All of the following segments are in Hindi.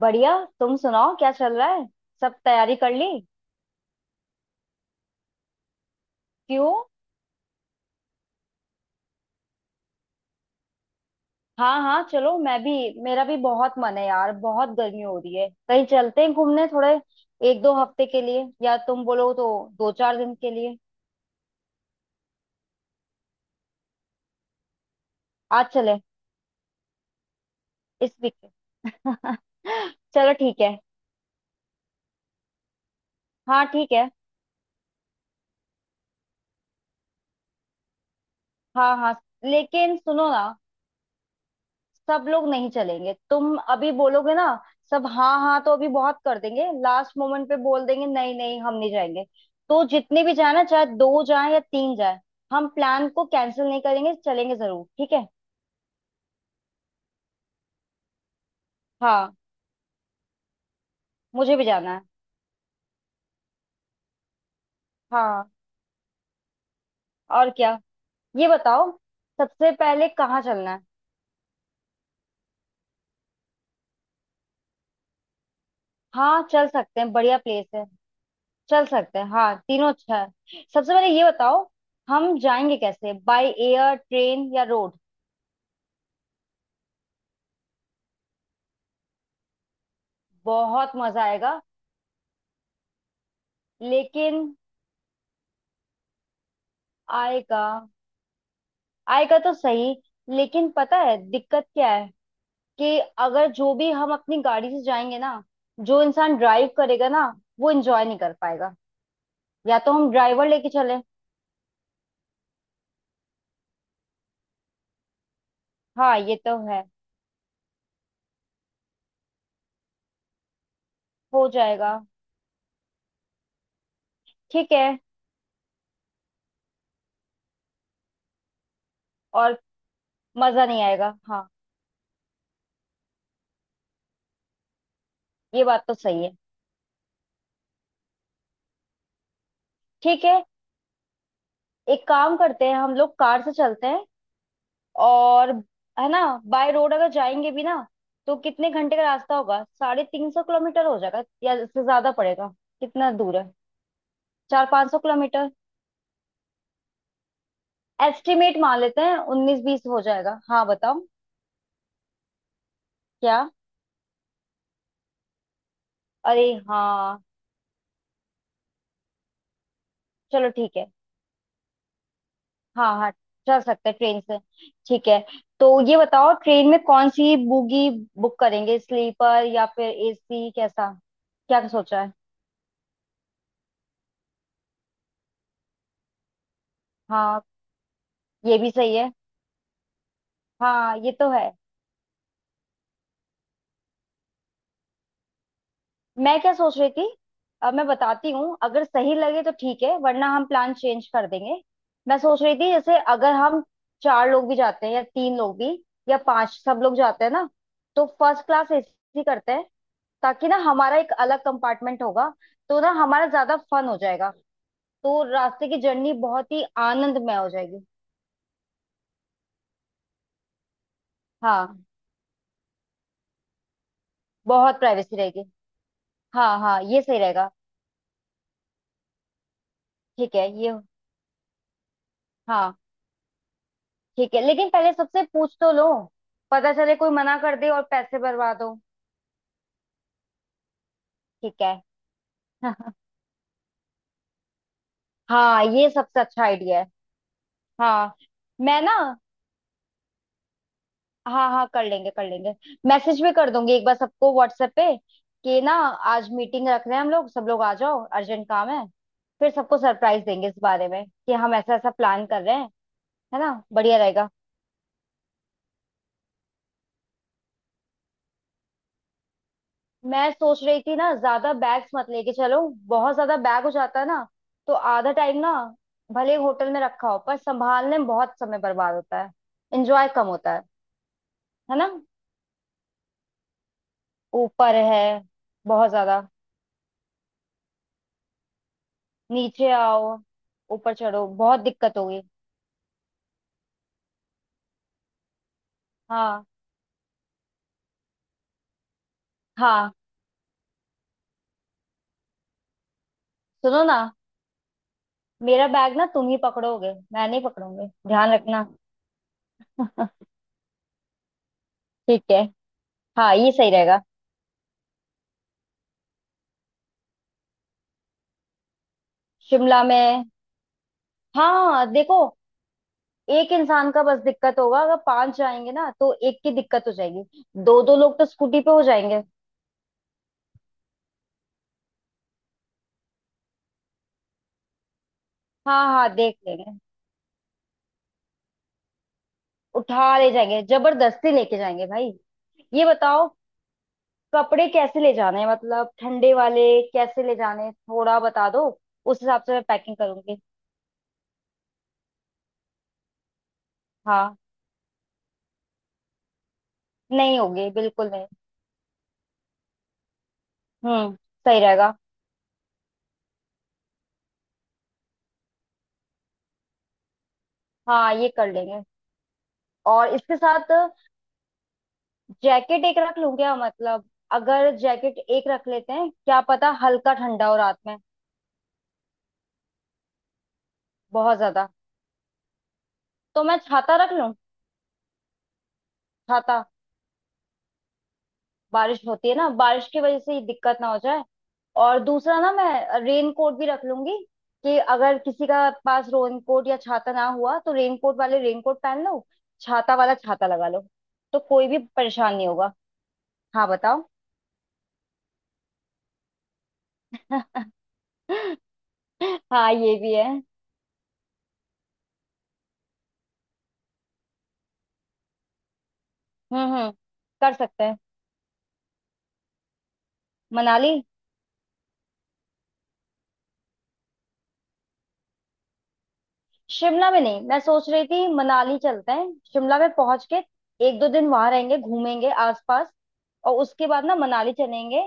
बढ़िया। तुम सुनाओ क्या चल रहा है। सब तैयारी कर ली? क्यों? हाँ हाँ, चलो मैं भी। मेरा भी बहुत मन है यार, बहुत गर्मी हो रही है। कहीं चलते हैं घूमने थोड़े, 1-2 हफ्ते के लिए, या तुम बोलो तो 2-4 दिन के लिए। आज चले? इस वीक? चलो ठीक है। हाँ ठीक है। हाँ हाँ। लेकिन सुनो ना, सब लोग नहीं चलेंगे, तुम अभी बोलोगे ना सब हाँ हाँ, तो अभी बहुत कर देंगे, लास्ट मोमेंट पे बोल देंगे नहीं नहीं हम नहीं जाएंगे। तो जितने भी जाए ना, चाहे दो जाए या तीन जाए, हम प्लान को कैंसिल नहीं करेंगे, चलेंगे जरूर ठीक है। हाँ, मुझे भी जाना है। हाँ, और क्या। ये बताओ, सबसे पहले कहाँ चलना है। हाँ चल सकते हैं, बढ़िया प्लेस है। चल सकते हैं, हाँ तीनों अच्छा है। सबसे पहले ये बताओ, हम जाएंगे कैसे, बाय एयर, ट्रेन या रोड। बहुत मजा आएगा। लेकिन आय का आय का तो सही। लेकिन पता है दिक्कत क्या है, कि अगर जो भी हम अपनी गाड़ी से जाएंगे ना, जो इंसान ड्राइव करेगा ना, वो एंजॉय नहीं कर पाएगा। या तो हम ड्राइवर लेके चले। हाँ ये तो है। हो जाएगा। ठीक है, और मजा नहीं आएगा, हाँ। ये बात तो सही है। ठीक है, एक काम करते हैं, हम लोग कार से चलते हैं। और है ना, बाय रोड अगर जाएंगे भी ना, तो कितने घंटे का रास्ता होगा, 350 किलोमीटर हो जाएगा या इससे ज्यादा पड़ेगा? कितना दूर है? 400-500 किलोमीटर। एस्टिमेट मान लेते हैं 19-20 हो जाएगा। हाँ बताओ। क्या? अरे, हाँ चलो ठीक है। हाँ हाँ चल सकते हैं ट्रेन से। ठीक है। तो ये बताओ, ट्रेन में कौन सी बोगी बुक करेंगे, स्लीपर या फिर एसी, कैसा क्या सोचा है। हाँ ये भी सही है। हाँ ये तो है। मैं क्या सोच रही थी, अब मैं बताती हूँ, अगर सही लगे तो ठीक है वरना हम प्लान चेंज कर देंगे। मैं सोच रही थी, जैसे अगर हम चार लोग भी जाते हैं या तीन लोग भी, या पांच सब लोग जाते हैं ना, तो फर्स्ट क्लास एसी करते हैं। ताकि ना, हमारा एक अलग कंपार्टमेंट होगा, तो ना हमारा ज्यादा फन हो जाएगा। तो रास्ते की जर्नी बहुत ही आनंदमय हो जाएगी। हाँ, बहुत प्राइवेसी रहेगी। हाँ हाँ ये सही रहेगा। ठीक है ये। हाँ ठीक है, लेकिन पहले सबसे पूछ तो लो, पता चले कोई मना कर दे और पैसे बर्बाद हो। ठीक है। हाँ ये सबसे अच्छा आइडिया है। हाँ। मैं ना, हाँ हाँ कर लेंगे कर लेंगे, मैसेज भी कर दूंगी एक बार सबको व्हाट्सएप पे, कि ना आज मीटिंग रख रहे हैं हम लोग, सब लोग आ जाओ, अर्जेंट काम है। फिर सबको सरप्राइज देंगे इस बारे में कि हम ऐसा ऐसा प्लान कर रहे हैं। है ना बढ़िया रहेगा। मैं सोच रही थी ना, ज्यादा बैग्स मत लेके चलो। बहुत ज्यादा बैग हो जाता है ना, तो आधा टाइम ना भले होटल में रखा हो, पर संभालने में बहुत समय बर्बाद होता है। एंजॉय कम होता है ना। ऊपर है, बहुत ज्यादा। नीचे आओ, ऊपर चढ़ो, बहुत दिक्कत होगी। हाँ हाँ। सुनो ना, मेरा बैग ना तुम ही पकड़ोगे, मैं नहीं पकड़ूंगी, ध्यान रखना। ठीक है। हाँ ये सही रहेगा। शिमला में? हाँ देखो, एक इंसान का बस दिक्कत होगा, अगर पांच जाएंगे ना तो एक की दिक्कत हो जाएगी, दो दो लोग तो स्कूटी पे हो जाएंगे। हाँ हाँ देख लेंगे। उठा ले जाएंगे, जबरदस्ती लेके जाएंगे भाई। ये बताओ, कपड़े कैसे ले जाने हैं, मतलब ठंडे वाले कैसे ले जाने हैं? थोड़ा बता दो, उस हिसाब से मैं पैकिंग करूंगी। हाँ, नहीं होगी बिल्कुल नहीं। हम्म सही रहेगा। हाँ ये कर लेंगे। और इसके साथ जैकेट एक रख लूं क्या, मतलब अगर जैकेट एक रख लेते हैं, क्या पता हल्का ठंडा हो रात में। बहुत ज्यादा। तो मैं छाता रख लूं? छाता, बारिश होती है ना, बारिश की वजह से ये दिक्कत ना हो जाए। और दूसरा ना, मैं रेन कोट भी रख लूंगी, कि अगर किसी का पास रेन कोट या छाता ना हुआ तो रेन कोट वाले रेन कोट पहन लो, छाता वाला छाता लगा लो, तो कोई भी परेशान नहीं होगा। हाँ बताओ। हाँ ये भी है। हम्म, कर सकते हैं। मनाली, शिमला में नहीं। मैं सोच रही थी मनाली चलते हैं, शिमला में पहुंच के 1-2 दिन वहां रहेंगे घूमेंगे आसपास, और उसके बाद ना मनाली चलेंगे।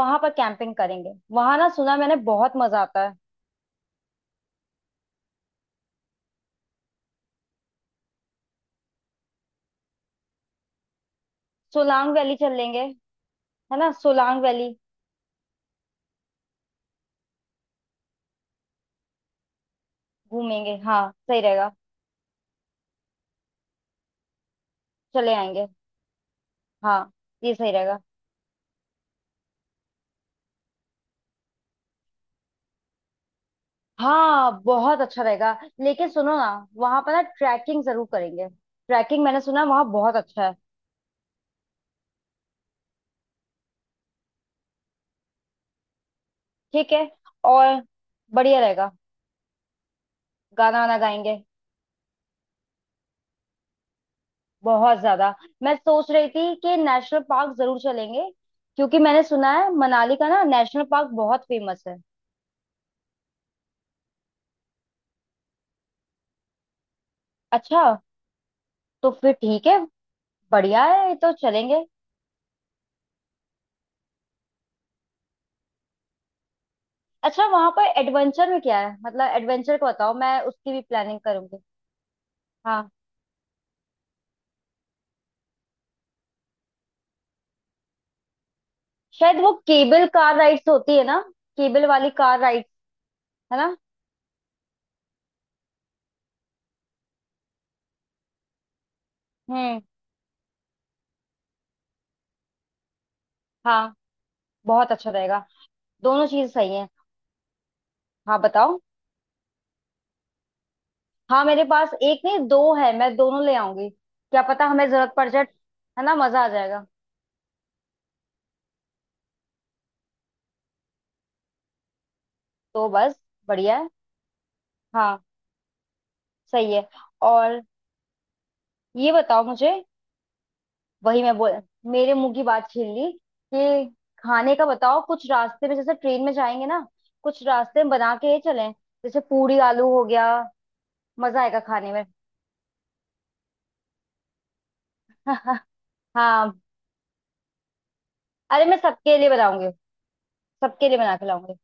वहां पर कैंपिंग करेंगे, वहां ना सुना मैंने बहुत मजा आता है। सोलांग वैली चल लेंगे, है ना सोलांग वैली। घूमेंगे हाँ, सही रहेगा। चले आएंगे। हाँ ये सही रहेगा। हाँ बहुत अच्छा रहेगा, लेकिन सुनो ना, वहां पर ना ट्रैकिंग जरूर करेंगे। ट्रैकिंग मैंने सुना वहां बहुत अच्छा है। ठीक है। और बढ़िया रहेगा। गाना वाना गाएंगे। बहुत ज्यादा। मैं सोच रही थी कि नेशनल पार्क जरूर चलेंगे, क्योंकि मैंने सुना है मनाली का ना नेशनल पार्क बहुत फेमस है। अच्छा, तो फिर ठीक है। बढ़िया है तो चलेंगे। अच्छा, वहां पर एडवेंचर में क्या है, मतलब एडवेंचर को बताओ मैं उसकी भी प्लानिंग करूंगी। हाँ। शायद वो केबल कार राइड्स होती है ना। केबल वाली कार राइड्स, है ना। हम्म। हाँ बहुत अच्छा रहेगा। दोनों चीज सही है। हाँ बताओ। हाँ मेरे पास एक नहीं दो है, मैं दोनों ले आऊंगी, क्या पता हमें जरूरत पड़ जाए। है ना मजा आ जाएगा। तो बस, बढ़िया है। हाँ सही है। और ये बताओ मुझे, वही मैं बोल मेरे मुंह की बात छीन ली, कि खाने का बताओ, कुछ रास्ते में जैसे ट्रेन में जाएंगे ना, कुछ रास्ते में बना के ही चलें। जैसे पूरी आलू हो गया, मजा आएगा खाने में। हाँ। अरे मैं सबके लिए बनाऊंगी, सबके लिए बना के लाऊंगी।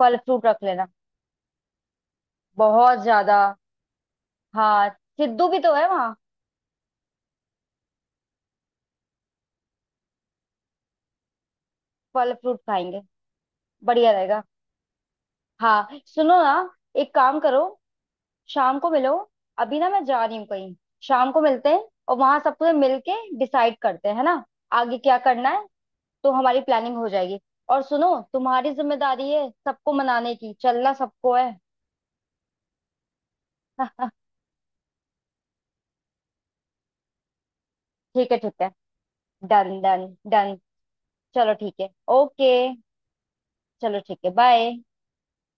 फल फ्रूट रख लेना, बहुत ज्यादा। हाँ सिद्धू भी तो है वहाँ। फल फ्रूट खाएंगे, बढ़िया रहेगा। हाँ सुनो ना, एक काम करो, शाम को मिलो। अभी ना मैं जा रही हूँ कहीं, शाम को मिलते हैं। और वहां सब पूरे मिल के डिसाइड करते हैं, है ना, आगे क्या करना है, तो हमारी प्लानिंग हो जाएगी। और सुनो, तुम्हारी जिम्मेदारी है सबको मनाने की, चलना सबको है। ठीक है, ठीक है। Done done done. चलो ठीक है। ओके। चलो ठीक है, बाय।